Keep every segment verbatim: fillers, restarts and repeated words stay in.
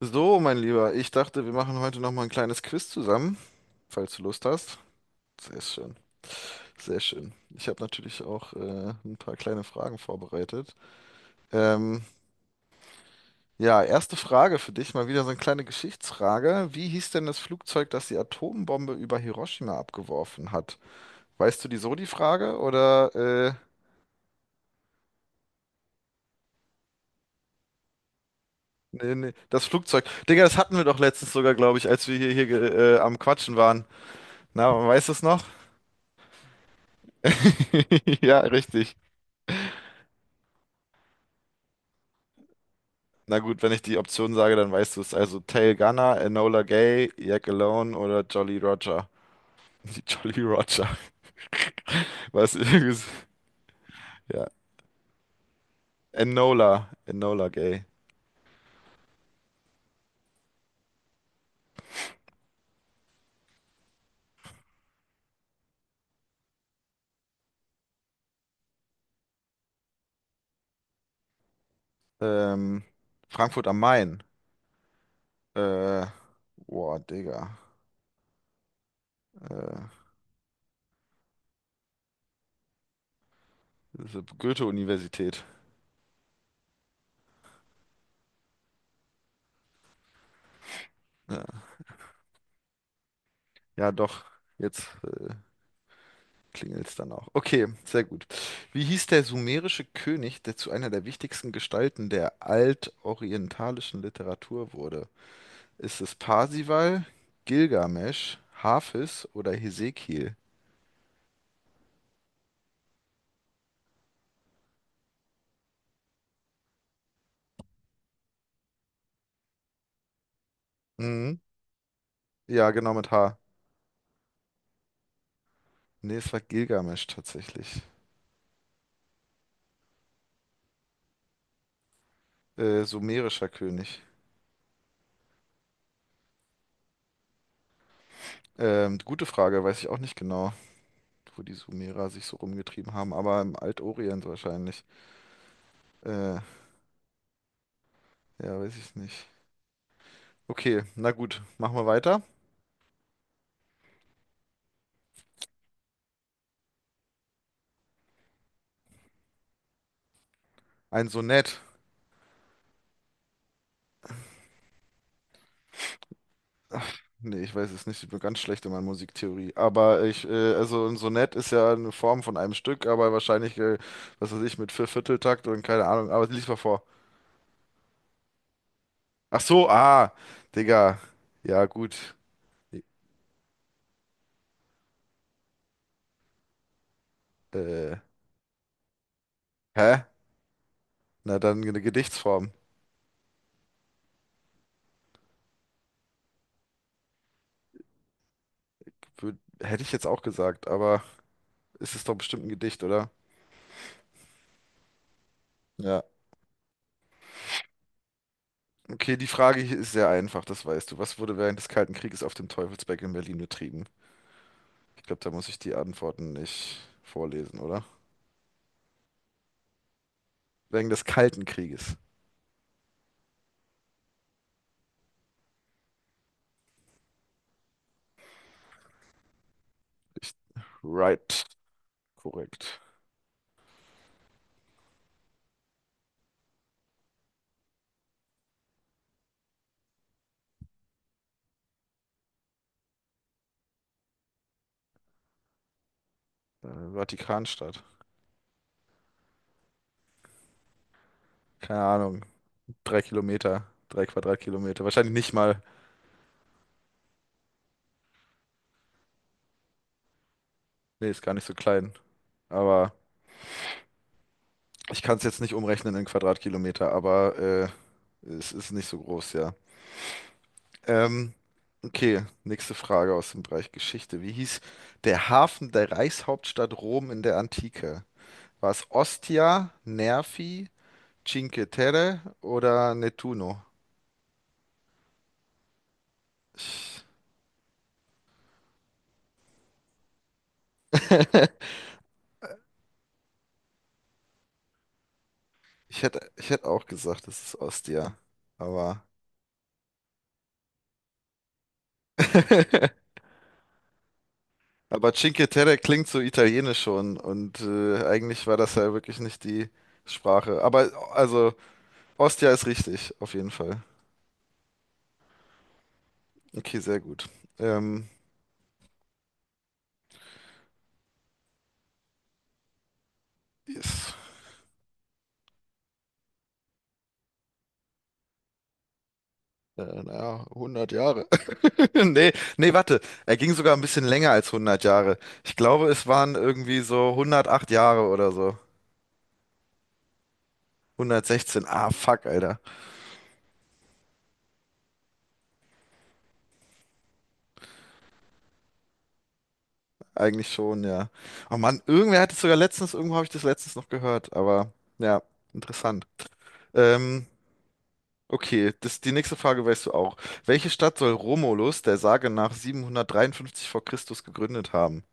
So, mein Lieber, ich dachte, wir machen heute noch mal ein kleines Quiz zusammen, falls du Lust hast. Sehr schön, sehr schön. Ich habe natürlich auch äh, ein paar kleine Fragen vorbereitet. Ähm, ja, erste Frage für dich, mal wieder so eine kleine Geschichtsfrage. Wie hieß denn das Flugzeug, das die Atombombe über Hiroshima abgeworfen hat? Weißt du die so die Frage oder äh, nee, nee, das Flugzeug? Digga, das hatten wir doch letztens sogar, glaube ich, als wir hier, hier ge- äh, am Quatschen waren. Na, weißt du es noch? Ja, richtig. Na gut, wenn ich die Option sage, dann weißt du es. Also Tail Gunner, Enola Gay, Jack Alone oder Jolly Roger. Die Jolly Roger. Was ist. Ja. Enola. Enola Gay. Ähm, Frankfurt am Main. Äh, Boah, Digga. Äh, Diese Goethe-Universität. Ja. Ja, doch. Jetzt äh, klingelt's dann auch. Okay, sehr gut. Wie hieß der sumerische König, der zu einer der wichtigsten Gestalten der altorientalischen Literatur wurde? Ist es Parsival, Gilgamesch, Hafis oder Hesekiel? Mhm. Ja, genau mit H. Nee, es war Gilgamesch tatsächlich. Äh, sumerischer König. Ähm, gute Frage, weiß ich auch nicht genau, wo die Sumerer sich so rumgetrieben haben, aber im Altorient wahrscheinlich. Äh, ja, weiß ich nicht. Okay, na gut, machen wir weiter. Ein Sonett. Ach, nee, ich weiß es nicht. Ich bin ganz schlecht in meiner Musiktheorie. Aber ich, äh, also ein Sonett ist ja eine Form von einem Stück, aber wahrscheinlich, äh, was weiß ich, mit Viervierteltakt und keine Ahnung. Aber lies mal vor. Ach so, ah, Digga. Ja, gut. Äh, Hä? Na dann eine Gedichtsform. Wür- Hätte ich jetzt auch gesagt, aber ist es doch bestimmt ein Gedicht, oder? Ja. Okay, die Frage hier ist sehr einfach, das weißt du. Was wurde während des Kalten Krieges auf dem Teufelsberg in Berlin betrieben? Ich glaube, da muss ich die Antworten nicht vorlesen, oder? Wegen des Kalten Krieges. Ich, right, korrekt. Äh, Vatikanstadt. Keine Ahnung. Drei Kilometer, drei Quadratkilometer. Wahrscheinlich nicht mal. Nee, ist gar nicht so klein. Aber ich kann es jetzt nicht umrechnen in Quadratkilometer, aber äh, es ist nicht so groß, ja. Ähm, okay, nächste Frage aus dem Bereich Geschichte. Wie hieß der Hafen der Reichshauptstadt Rom in der Antike? War es Ostia, Nervi, Cinque Terre oder Nettuno? Ich hätte, ich hätte auch gesagt, es ist Ostia. Aber, aber Cinque Terre klingt so italienisch schon und äh, eigentlich war das ja wirklich nicht die Sprache. Aber also Ostia ist richtig, auf jeden Fall. Okay, sehr gut. Ähm, ist, äh, naja, hundert Jahre. Nee, nee, warte. Er ging sogar ein bisschen länger als hundert Jahre. Ich glaube, es waren irgendwie so hundertacht Jahre oder so. hundertsechzehn. Ah, fuck, Alter. Eigentlich schon, ja. Oh Mann, irgendwer hat es sogar letztens, irgendwo habe ich das letztens noch gehört, aber ja, interessant. Ähm, okay, das, die nächste Frage weißt du auch. Welche Stadt soll Romulus der Sage nach siebenhundertdreiundfünfzig vor Christus gegründet haben?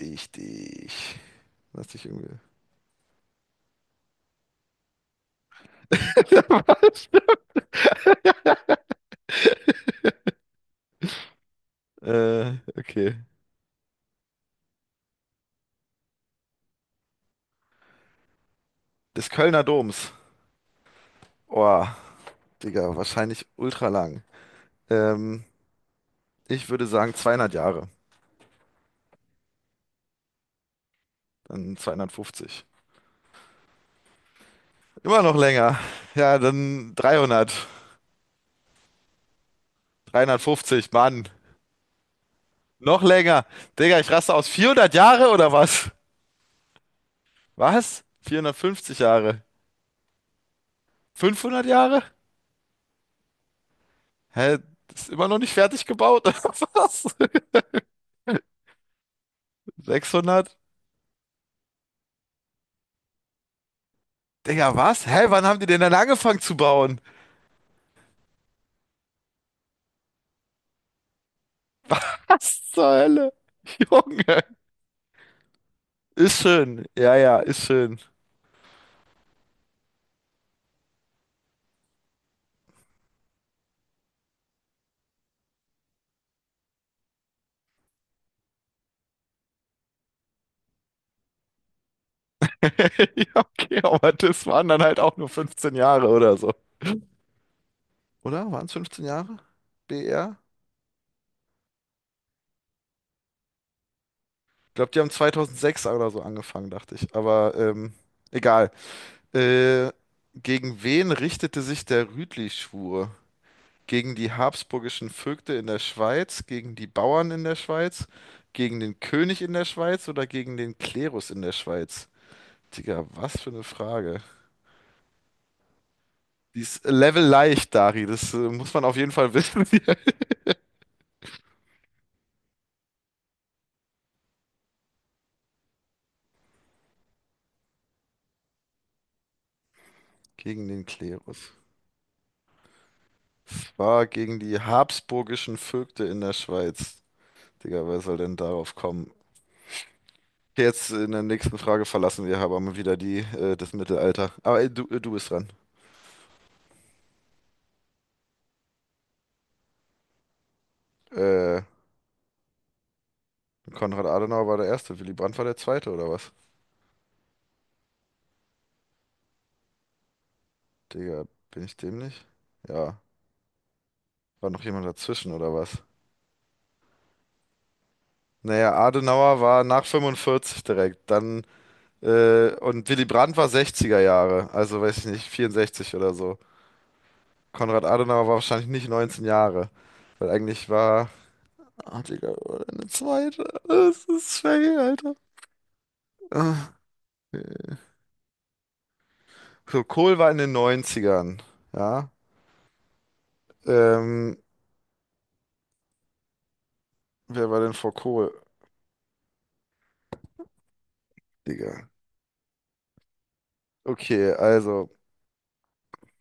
Richtig. Lass dich irgendwie. Äh, okay. Des Kölner Doms. Oh, Digga, wahrscheinlich ultra lang. Ähm, Ich würde sagen zweihundert Jahre. Dann zweihundertfünfzig. Immer noch länger. Ja, dann dreihundert. dreihundertfünfzig, Mann. Noch länger. Digga, ich raste aus. vierhundert Jahre oder was? Was? vierhundertfünfzig Jahre. fünfhundert Jahre? Hä? Ist immer noch nicht fertig gebaut? oder Was? sechshundert? Digga, was? Hä? Wann haben die denn dann angefangen zu bauen? Was zur Hölle? Junge. Ist schön. Ja, ja, ist schön. Ja, okay, aber das waren dann halt auch nur fünfzehn Jahre oder so. Oder? Waren es fünfzehn Jahre? B R? Ich glaube, die haben zweitausendsechs oder so angefangen, dachte ich. Aber ähm, egal. Äh, Gegen wen richtete sich der Rütli-Schwur? Gegen die habsburgischen Vögte in der Schweiz, gegen die Bauern in der Schweiz, gegen den König in der Schweiz oder gegen den Klerus in der Schweiz? Digga, was für eine Frage. Die ist Level leicht, Dari. Das äh, muss man auf jeden Fall wissen. Gegen den Klerus. Es war gegen die habsburgischen Vögte in der Schweiz. Digga, wer soll denn darauf kommen? Okay, jetzt in der nächsten Frage verlassen wir aber mal wieder die, äh, das Mittelalter. Aber äh, du, äh, du bist dran. Äh, Konrad Adenauer war der Erste, Willy Brandt war der Zweite oder was? Digga, bin ich dämlich? Ja, war noch jemand dazwischen oder was? Naja, Adenauer war nach fünfundvierzig direkt, dann äh, und Willy Brandt war sechziger Jahre, also weiß ich nicht, vierundsechzig oder so. Konrad Adenauer war wahrscheinlich nicht neunzehn Jahre, weil eigentlich war, ah, Digga, eine zweite. Das ist schwer, Alter. Ah. Nee. So, Kohl war in den Neunzigern, ja. Ähm, Wer war denn vor Kohl, Digga? Okay, also,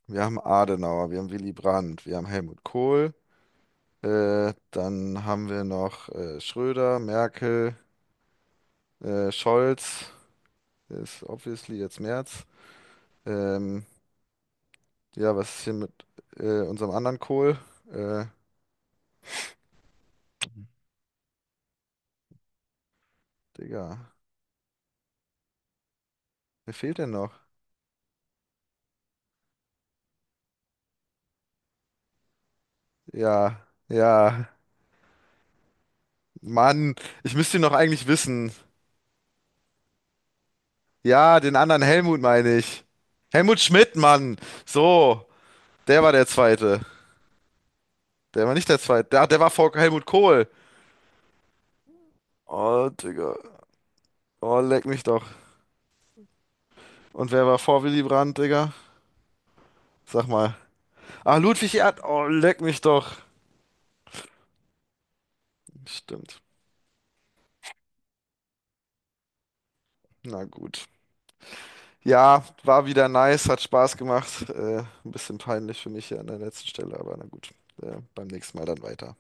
wir haben Adenauer, wir haben Willy Brandt, wir haben Helmut Kohl, äh, dann haben wir noch äh, Schröder, Merkel, äh, Scholz, ist obviously jetzt Merz. Ähm, ja, was ist hier mit äh, unserem anderen Kohl? Äh, Digga, wer fehlt denn noch? Ja, ja, Mann, ich müsste ihn noch eigentlich wissen. Ja, den anderen Helmut meine ich. Helmut Schmidt, Mann. So, der war der Zweite. Der war nicht der Zweite. Der, der war vor Helmut Kohl. Oh, Digga. Oh, leck mich doch. Und wer war vor Willy Brandt, Digga? Sag mal. Ah, Ludwig Erd. Oh, leck mich doch. Stimmt. Na gut. Ja, war wieder nice, hat Spaß gemacht. Äh, ein bisschen peinlich für mich hier an der letzten Stelle, aber na gut. Äh, beim nächsten Mal dann weiter.